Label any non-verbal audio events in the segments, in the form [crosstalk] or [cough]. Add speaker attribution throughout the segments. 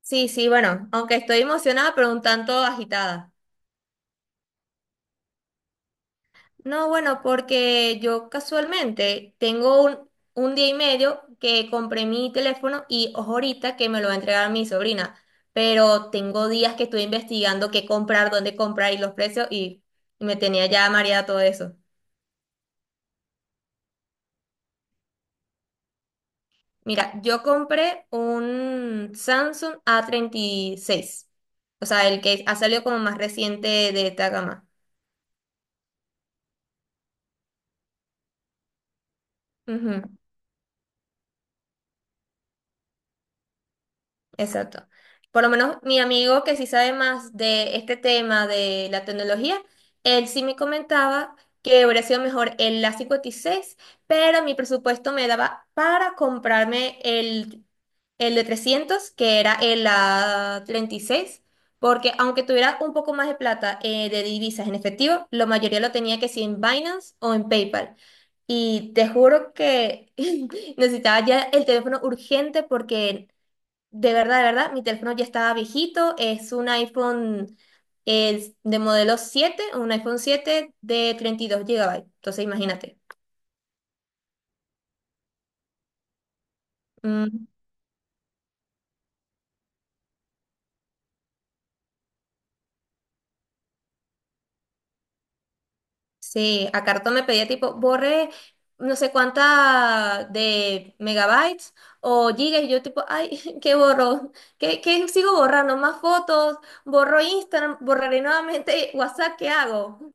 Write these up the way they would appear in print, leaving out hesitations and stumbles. Speaker 1: Sí, sí, bueno, aunque estoy emocionada, pero un tanto agitada. No, bueno, porque yo casualmente tengo un día y medio que compré mi teléfono y ojo ahorita que me lo va a entregar mi sobrina, pero tengo días que estoy investigando qué comprar, dónde comprar y los precios y me tenía ya mareada todo eso. Mira, yo compré un Samsung A36, o sea, el que ha salido como más reciente de esta gama. Ujú. Exacto. Por lo menos mi amigo que sí sabe más de este tema de la tecnología, él sí me comentaba que hubiera sido mejor el A56, pero mi presupuesto me daba para comprarme el de 300 que era el A36, porque aunque tuviera un poco más de plata de divisas en efectivo, la mayoría lo tenía que sí en Binance o en PayPal. Y te juro que [laughs] necesitaba ya el teléfono urgente porque de verdad, mi teléfono ya estaba viejito, es un iPhone, es de modelo 7, un iPhone 7 de 32 GB. Entonces imagínate. Mm, sí, a cartón me pedía tipo, borre no sé cuánta de megabytes o gigas, y yo tipo, ay, [laughs] ¿qué borro? ¿Qué sigo borrando? ¿Más fotos? ¿Borro Instagram? ¿Borraré nuevamente WhatsApp? ¿Qué hago?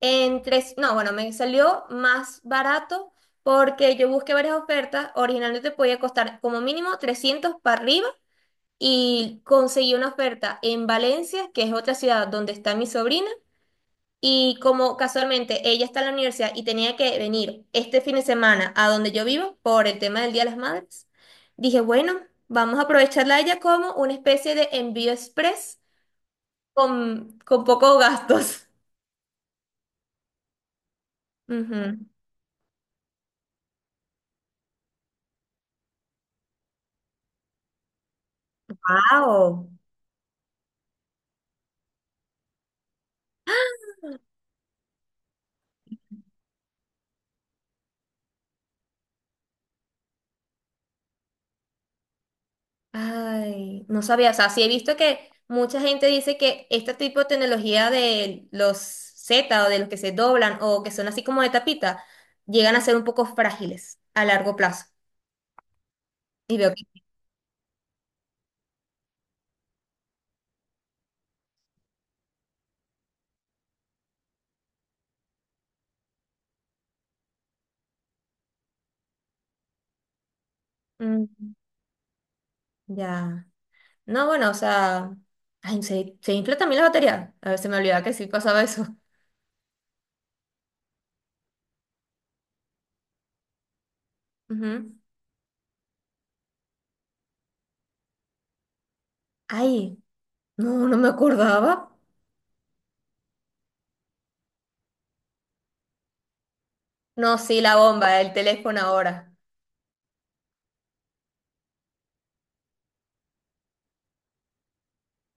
Speaker 1: En tres, no, bueno, me salió más barato porque yo busqué varias ofertas. Originalmente podía costar como mínimo 300 para arriba y conseguí una oferta en Valencia, que es otra ciudad donde está mi sobrina. Y como casualmente ella está en la universidad y tenía que venir este fin de semana a donde yo vivo por el tema del Día de las Madres, dije, bueno, vamos a aprovecharla a ella como una especie de envío express con pocos gastos. [laughs] Ujú. ¡Wow! Ay, no sabía, o sea, sí he visto que mucha gente dice que este tipo de tecnología de los Z o de los que se doblan o que son así como de tapita, llegan a ser un poco frágiles a largo plazo. Y veo que. Mm, ya. No, bueno, o sea. Ay, ¿se infla también la batería? A ver, se me olvidaba que sí pasaba eso. [laughs] Ujú. Ay, no, no me acordaba. No, sí, la bomba, el teléfono ahora.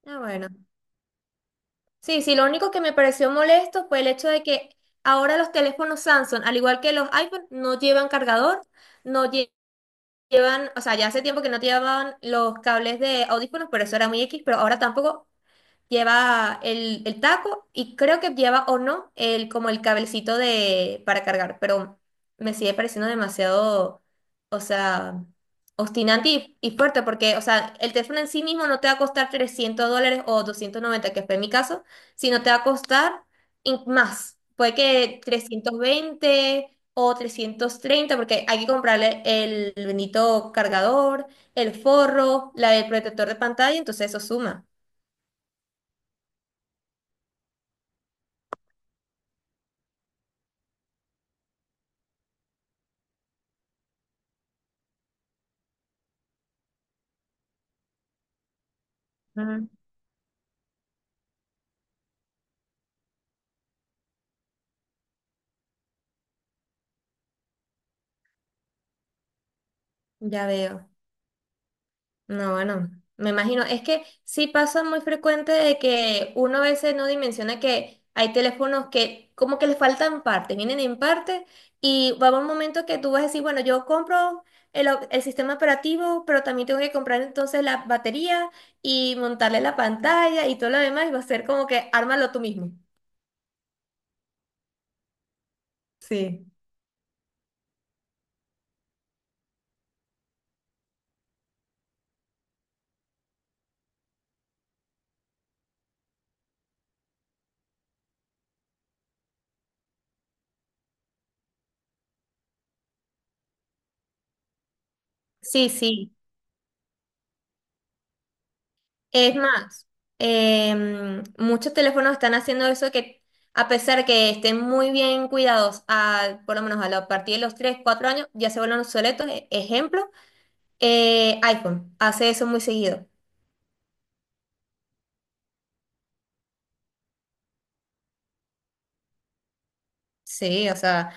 Speaker 1: Ah, bueno. Sí, sí, lo único que me pareció molesto fue el hecho de que ahora los teléfonos Samsung, al igual que los iPhone, no llevan cargador, no lle- llevan, o sea, ya hace tiempo que no te llevaban los cables de audífonos, pero eso era muy X, pero ahora tampoco. Lleva el taco y creo que lleva o no el como el cablecito de para cargar, pero me sigue pareciendo demasiado, o sea, obstinante y fuerte porque, o sea, el teléfono en sí mismo no te va a costar 300 dólares o 290 que fue mi caso, sino te va a costar más. Puede que 320 o 330 porque hay que comprarle el bendito cargador, el forro, el protector de pantalla, entonces eso suma. Ya veo. No, bueno, me imagino. Es que sí pasa muy frecuente de que uno a veces no dimensiona que hay teléfonos que como que les faltan partes, vienen en parte y va a haber un momento que tú vas a decir, bueno, yo compro el sistema operativo, pero también tengo que comprar entonces la batería y montarle la pantalla y todo lo demás y va a ser como que ármalo tú mismo. Sí. Sí, sí. Es más, muchos teléfonos están haciendo eso que a pesar que estén muy bien cuidados, por lo menos a partir de los 3, 4 años, ya se vuelven obsoletos. Ejemplo, iPhone hace eso muy seguido. Sí, o sea,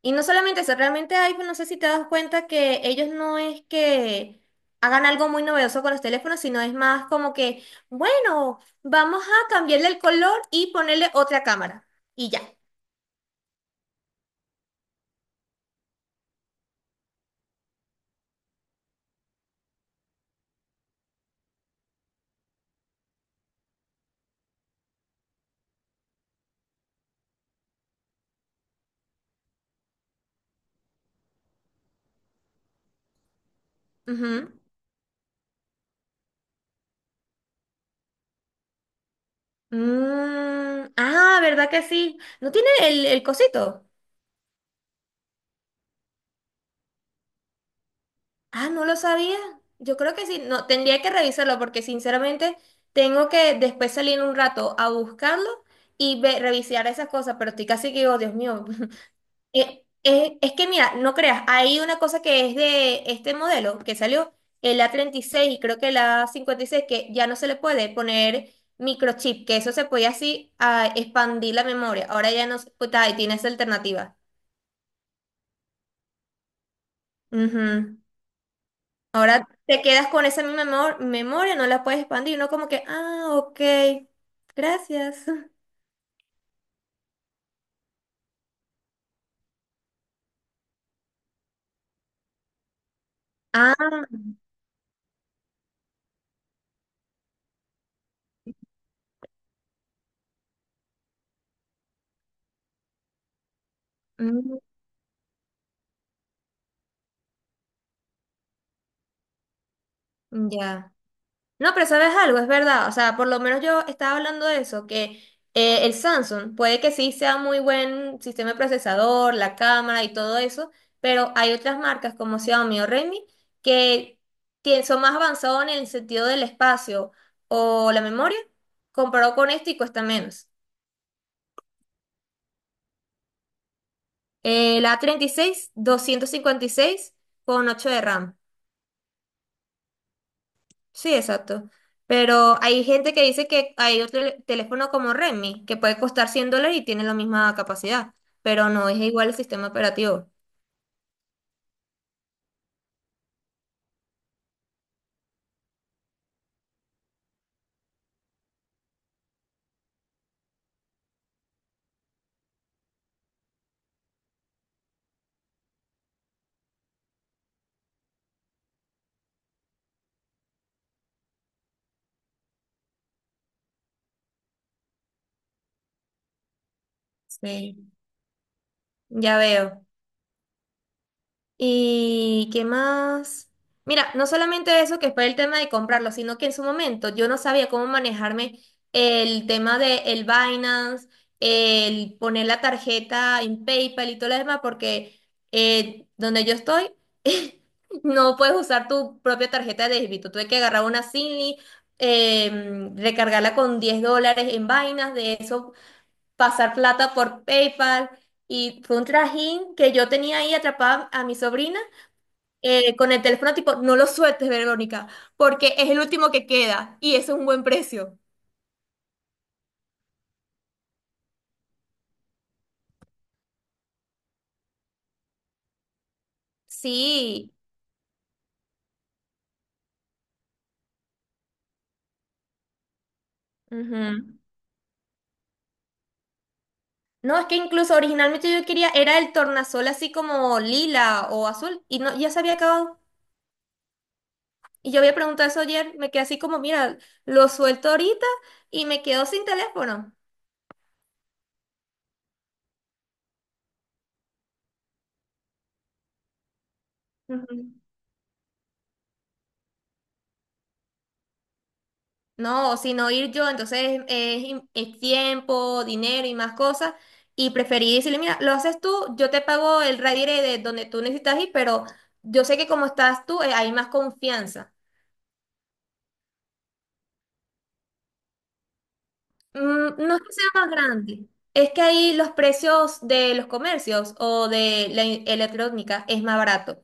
Speaker 1: y no solamente eso, realmente iPhone, no sé si te das cuenta que ellos no es que hagan algo muy novedoso con los teléfonos, sino es más como que, bueno, vamos a cambiarle el color y ponerle otra cámara. Y ya. Ujú. Mm, ah, ¿verdad que sí? ¿No tiene el cosito? Ah, no lo sabía. Yo creo que sí. No, tendría que revisarlo porque sinceramente tengo que después salir un rato a buscarlo y revisar esas cosas, pero estoy casi que digo, Dios mío. [laughs] Es que mira, no creas, hay una cosa que es de este modelo que salió, el A36 y creo que el A56 que ya no se le puede poner microchip, que eso se podía así expandir la memoria. Ahora ya no, pues, ahí tienes alternativa. Ujú. Ahora te quedas con esa misma memoria, no la puedes expandir, no como que, ah, ok, gracias. [laughs] Ah, mm, ya. No, pero sabes algo, es verdad. O sea, por lo menos yo estaba hablando de eso, que el Samsung puede que sí sea muy buen sistema de procesador, la cámara y todo eso, pero hay otras marcas como Xiaomi o Redmi que son más avanzados en el sentido del espacio o la memoria, comparado con esto y cuesta menos. La A36 256 GB con 8 de RAM. Sí, exacto. Pero hay gente que dice que hay otro teléfono como Redmi que puede costar 100 dólares y tiene la misma capacidad, pero no es igual el sistema operativo. Sí. Ya veo. ¿Y qué más? Mira, no solamente eso que fue el tema de comprarlo, sino que en su momento yo no sabía cómo manejarme el tema de el Binance, el poner la tarjeta en PayPal y todo lo demás, porque donde yo estoy [laughs] no puedes usar tu propia tarjeta de débito. Tuve que agarrar una Zinli, recargarla con 10 dólares en Binance, de eso pasar plata por PayPal. Y fue un trajín que yo tenía ahí atrapada a mi sobrina, con el teléfono tipo, no lo sueltes, Verónica, porque es el último que queda y eso es un buen precio. Sí. Ujú. No, es que incluso originalmente yo quería, era el tornasol así como lila o azul y no, ya se había acabado. Y yo había preguntado eso ayer, me quedé así como, mira, lo suelto ahorita y me quedo sin teléfono. Ujú. No, sino ir yo, entonces es tiempo, dinero y más cosas. Y preferí decirle, mira, lo haces tú, yo te pago el ride de donde tú necesitas ir, pero yo sé que como estás tú, hay más confianza. Mm, no es que sea más grande, es que ahí los precios de los comercios o de la electrónica es más barato.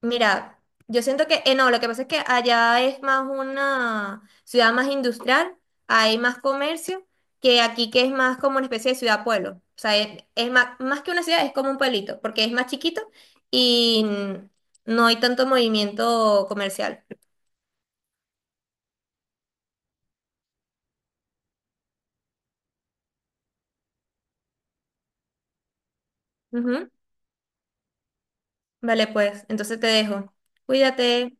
Speaker 1: Mira, yo siento que, no, lo que pasa es que allá es más una ciudad más industrial, hay más comercio, que aquí que es más como una especie de ciudad-pueblo. O sea, es más, que una ciudad, es como un pueblito, porque es más chiquito y no hay tanto movimiento comercial. Ujú. Vale, pues, entonces te dejo. Cuídate.